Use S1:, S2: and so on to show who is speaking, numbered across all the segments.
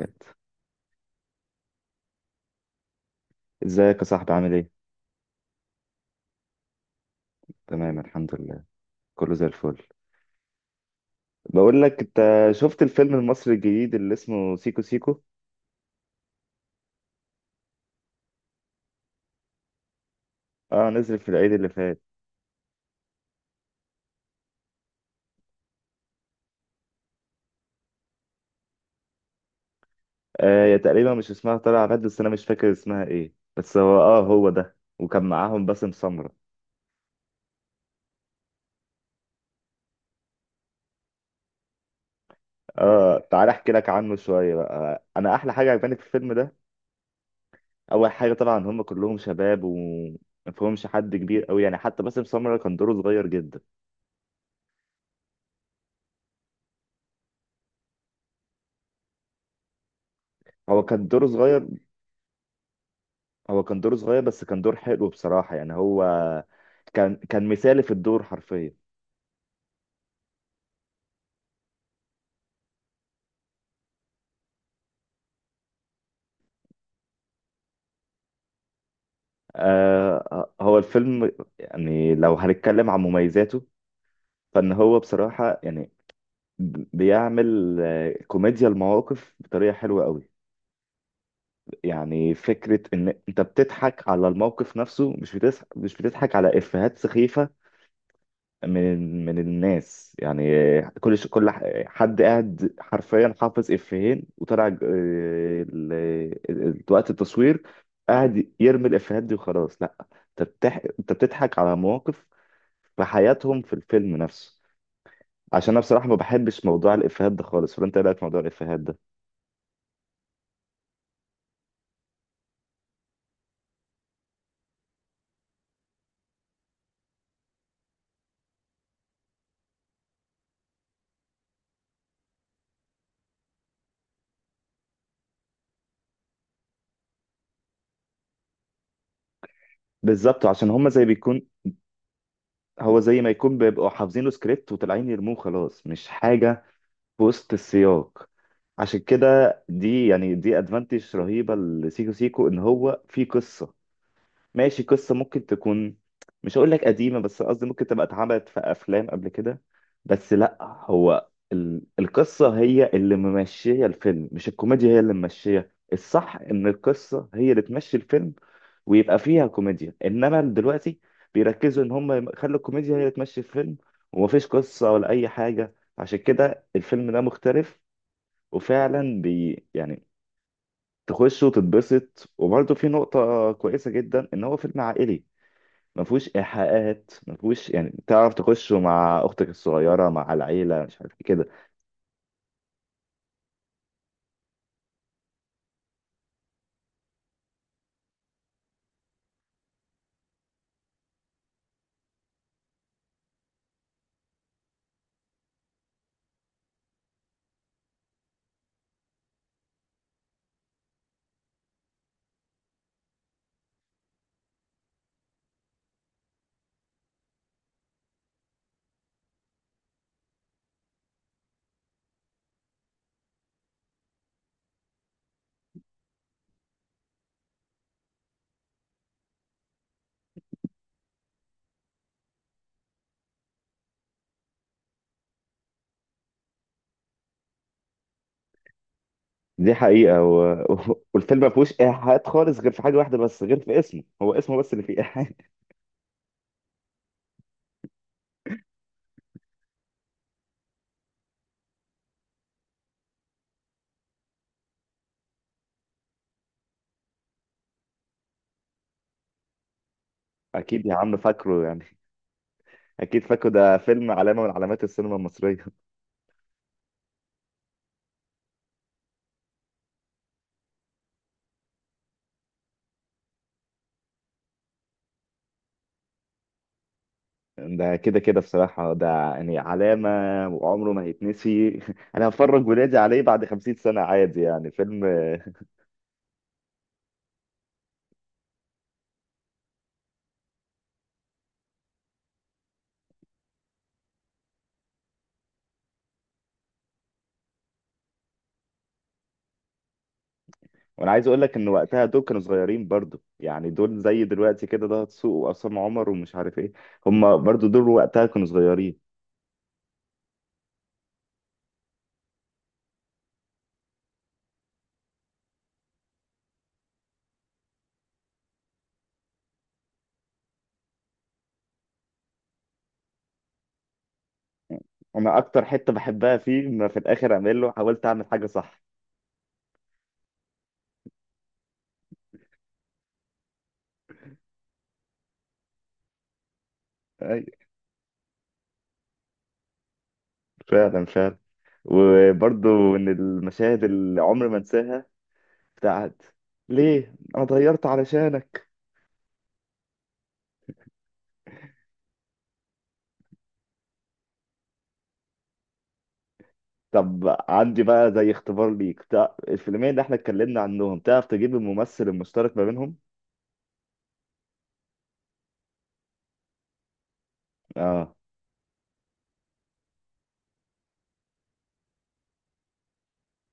S1: الوقت. ازيك يا صاحبي عامل ايه؟ تمام، الحمد لله، كله زي الفل. بقول لك انت، شفت الفيلم المصري الجديد اللي اسمه سيكو سيكو؟ اه، نزل في العيد اللي فات. آه، يا تقريبا مش اسمها طلع عبد، بس انا مش فاكر اسمها ايه، بس هو ده، وكان معاهم باسم سمرة. اه، تعال احكي لك عنه شوية بقى. انا احلى حاجة عجباني في الفيلم ده، اول حاجة طبعا، هم كلهم شباب وما فيهمش حد كبير قوي، يعني حتى باسم سمرة كان دوره صغير جدا. هو كان دوره صغير، بس كان دور حلو بصراحة، يعني هو كان مثالي في الدور حرفيا. هو الفيلم، يعني لو هنتكلم عن مميزاته، فإن هو بصراحة يعني بيعمل كوميديا المواقف بطريقة حلوة قوي. يعني فكرة إن أنت بتضحك على الموقف نفسه، مش بتضحك، على إفيهات سخيفة من الناس يعني. حد قاعد حرفيا حافظ افيهين، وطلع وقت التصوير قاعد يرمي الافيهات دي وخلاص. لا، انت بتضحك على مواقف في حياتهم في الفيلم نفسه. عشان انا بصراحه ما بحبش موضوع الافيهات ده خالص، فانت إيه رايك في موضوع الافيهات ده؟ بالظبط، عشان هم زي بيكون هو زي ما يكون بيبقوا حافظين له سكريبت وطالعين يرموه خلاص، مش حاجه في وسط السياق. عشان كده دي يعني دي ادفانتج رهيبه لسيكو سيكو، ان هو في قصه ماشي. قصة ممكن تكون، مش هقول لك قديمة، بس قصدي ممكن تبقى اتعملت في أفلام قبل كده، بس لأ. القصة هي اللي ممشية الفيلم، مش الكوميديا هي اللي ممشية. الصح إن القصة هي اللي تمشي الفيلم ويبقى فيها كوميديا، إنما دلوقتي بيركزوا إن هم يخلوا الكوميديا هي اللي تمشي الفيلم، ومفيش قصة ولا أي حاجة. عشان كده الفيلم ده مختلف، وفعلا يعني تخش وتتبسط. وبرضه في نقطة كويسة جدا، إن هو فيلم عائلي ما فيهوش ايحاءات، ما فيهوش يعني تعرف، تخشه مع اختك الصغيره، مع العيله، مش عارف إيه كده. دي حقيقه. والفيلم ما فيهوش ايحاءات خالص، غير في حاجه واحده بس، غير في اسمه، هو اسمه بس اللي فيه ايحاء. اكيد يا عم فاكره يعني، اكيد فاكره، ده فيلم علامه من علامات السينما المصريه. ده كده كده بصراحه، ده يعني علامه، وعمره ما هيتنسي. انا هفرج ولادي عليه بعد 50 سنه عادي يعني. فيلم. وانا عايز اقول لك ان وقتها دول كانوا صغيرين برضو، يعني دول زي دلوقتي كده، ده دسوقي وعصام عمر ومش عارف ايه. هم برضو دول وقتها كانوا صغيرين. انا اكتر حته بحبها فيه، ما في الاخر اعمل له، حاولت اعمل حاجه صح. اي، فعلا فعلا. وبرضو من المشاهد اللي عمري ما انساها، بتاعت ليه انا اتغيرت علشانك. طب عندي بقى زي اختبار ليك، بتاع الفيلمين اللي احنا اتكلمنا عنهم، تعرف تجيب الممثل المشترك ما بينهم؟ اه،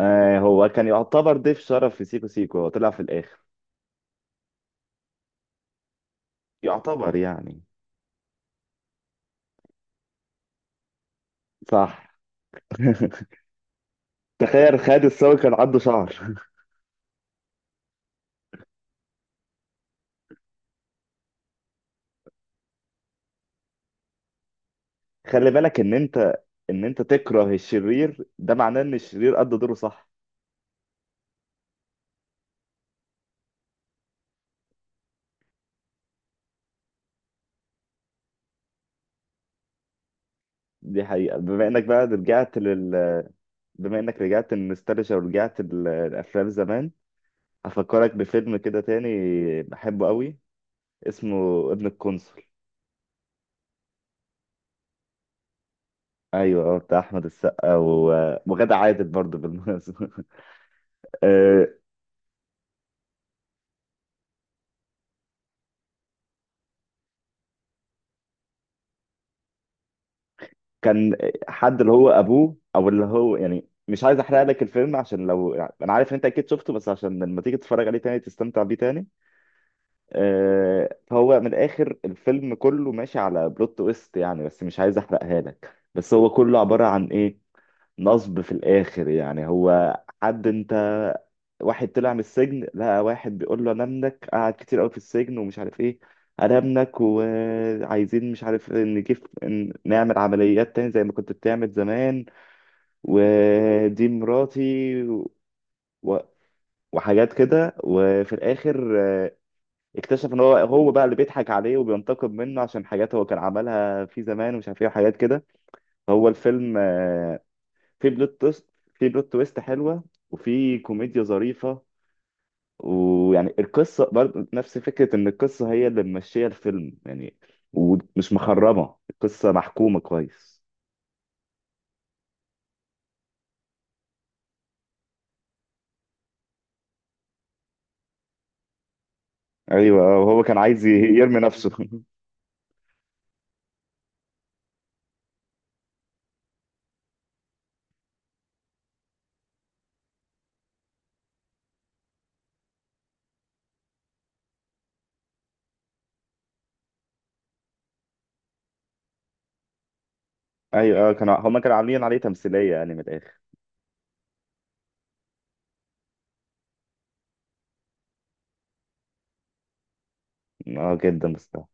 S1: هو كان يعتبر ضيف شرف في سيكو سيكو، هو طلع في الآخر يعتبر يعني. صح. تخيل خالد الصاوي كان عنده شعر. خلي بالك ان انت تكره الشرير ده، معناه ان الشرير قد دوره صح. دي حقيقة. بما انك رجعت النوستالجيا ورجعت الافلام زمان، هفكرك بفيلم كده تاني بحبه قوي، اسمه ابن القنصل. ايوه، هو بتاع احمد السقا وغادة عادل برضه بالمناسبة. كان حد اللي هو ابوه، او اللي هو يعني، مش عايز احرق لك الفيلم عشان، لو يعني، انا عارف ان انت اكيد شفته، بس عشان لما تيجي تتفرج عليه تاني تستمتع بيه تاني. فهو من الاخر الفيلم كله ماشي على بلوت تويست يعني، بس مش عايز احرقها لك. بس هو كله عبارة عن ايه، نصب في الآخر، يعني هو حد أنت واحد طلع من السجن، لقى واحد بيقول له انا ابنك، قعد كتير قوي في السجن ومش عارف ايه، انا ابنك وعايزين مش عارف نجيب، نعمل عمليات تاني زي ما كنت بتعمل زمان، ودي مراتي و... وحاجات كده. وفي الاخر اكتشف ان هو هو بقى اللي بيضحك عليه وبينتقم منه، عشان حاجات هو كان عملها في زمان ومش عارف ايه وحاجات كده. هو الفيلم في بلوت تويست، حلوه، وفي كوميديا ظريفه. ويعني القصه برضه نفس فكره، ان القصه هي اللي ممشيه الفيلم يعني، ومش مخربه، القصه محكومه كويس. ايوه وهو كان عايز يرمي نفسه. ايوه كانوا هما كانوا عاملين عليه تمثيليه يعني من الاخر. اه جدا بصراحه.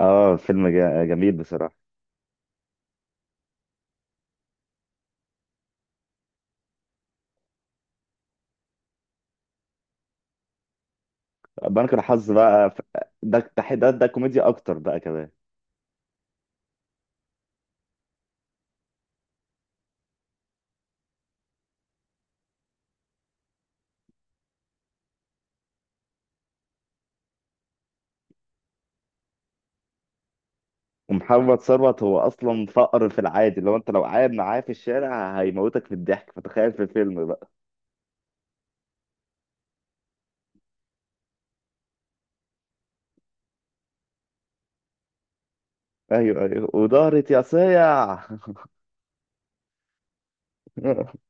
S1: اه فيلم جميل بصراحه. بنك الحظ بقى ده كوميديا اكتر بقى كمان. ومحمد ثروت هو اصلا فقر في العادي، لو انت لو قاعد معاه في الشارع هيموتك في الضحك، فتخيل في فيلم بقى. ايوه ايوه، ودارت يا سيع.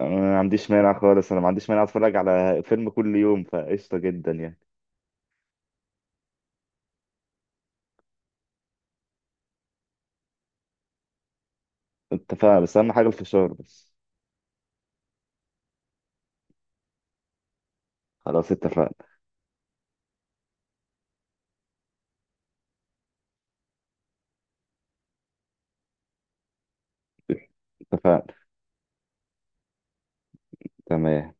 S1: انا ما عنديش مانع خالص، انا ما عنديش مانع اتفرج على فيلم كل يوم، فقشطه جدا يعني. اتفقنا، بس اهم حاجه الفشار بس. خلاص اتفقنا. اتفقنا. تمام.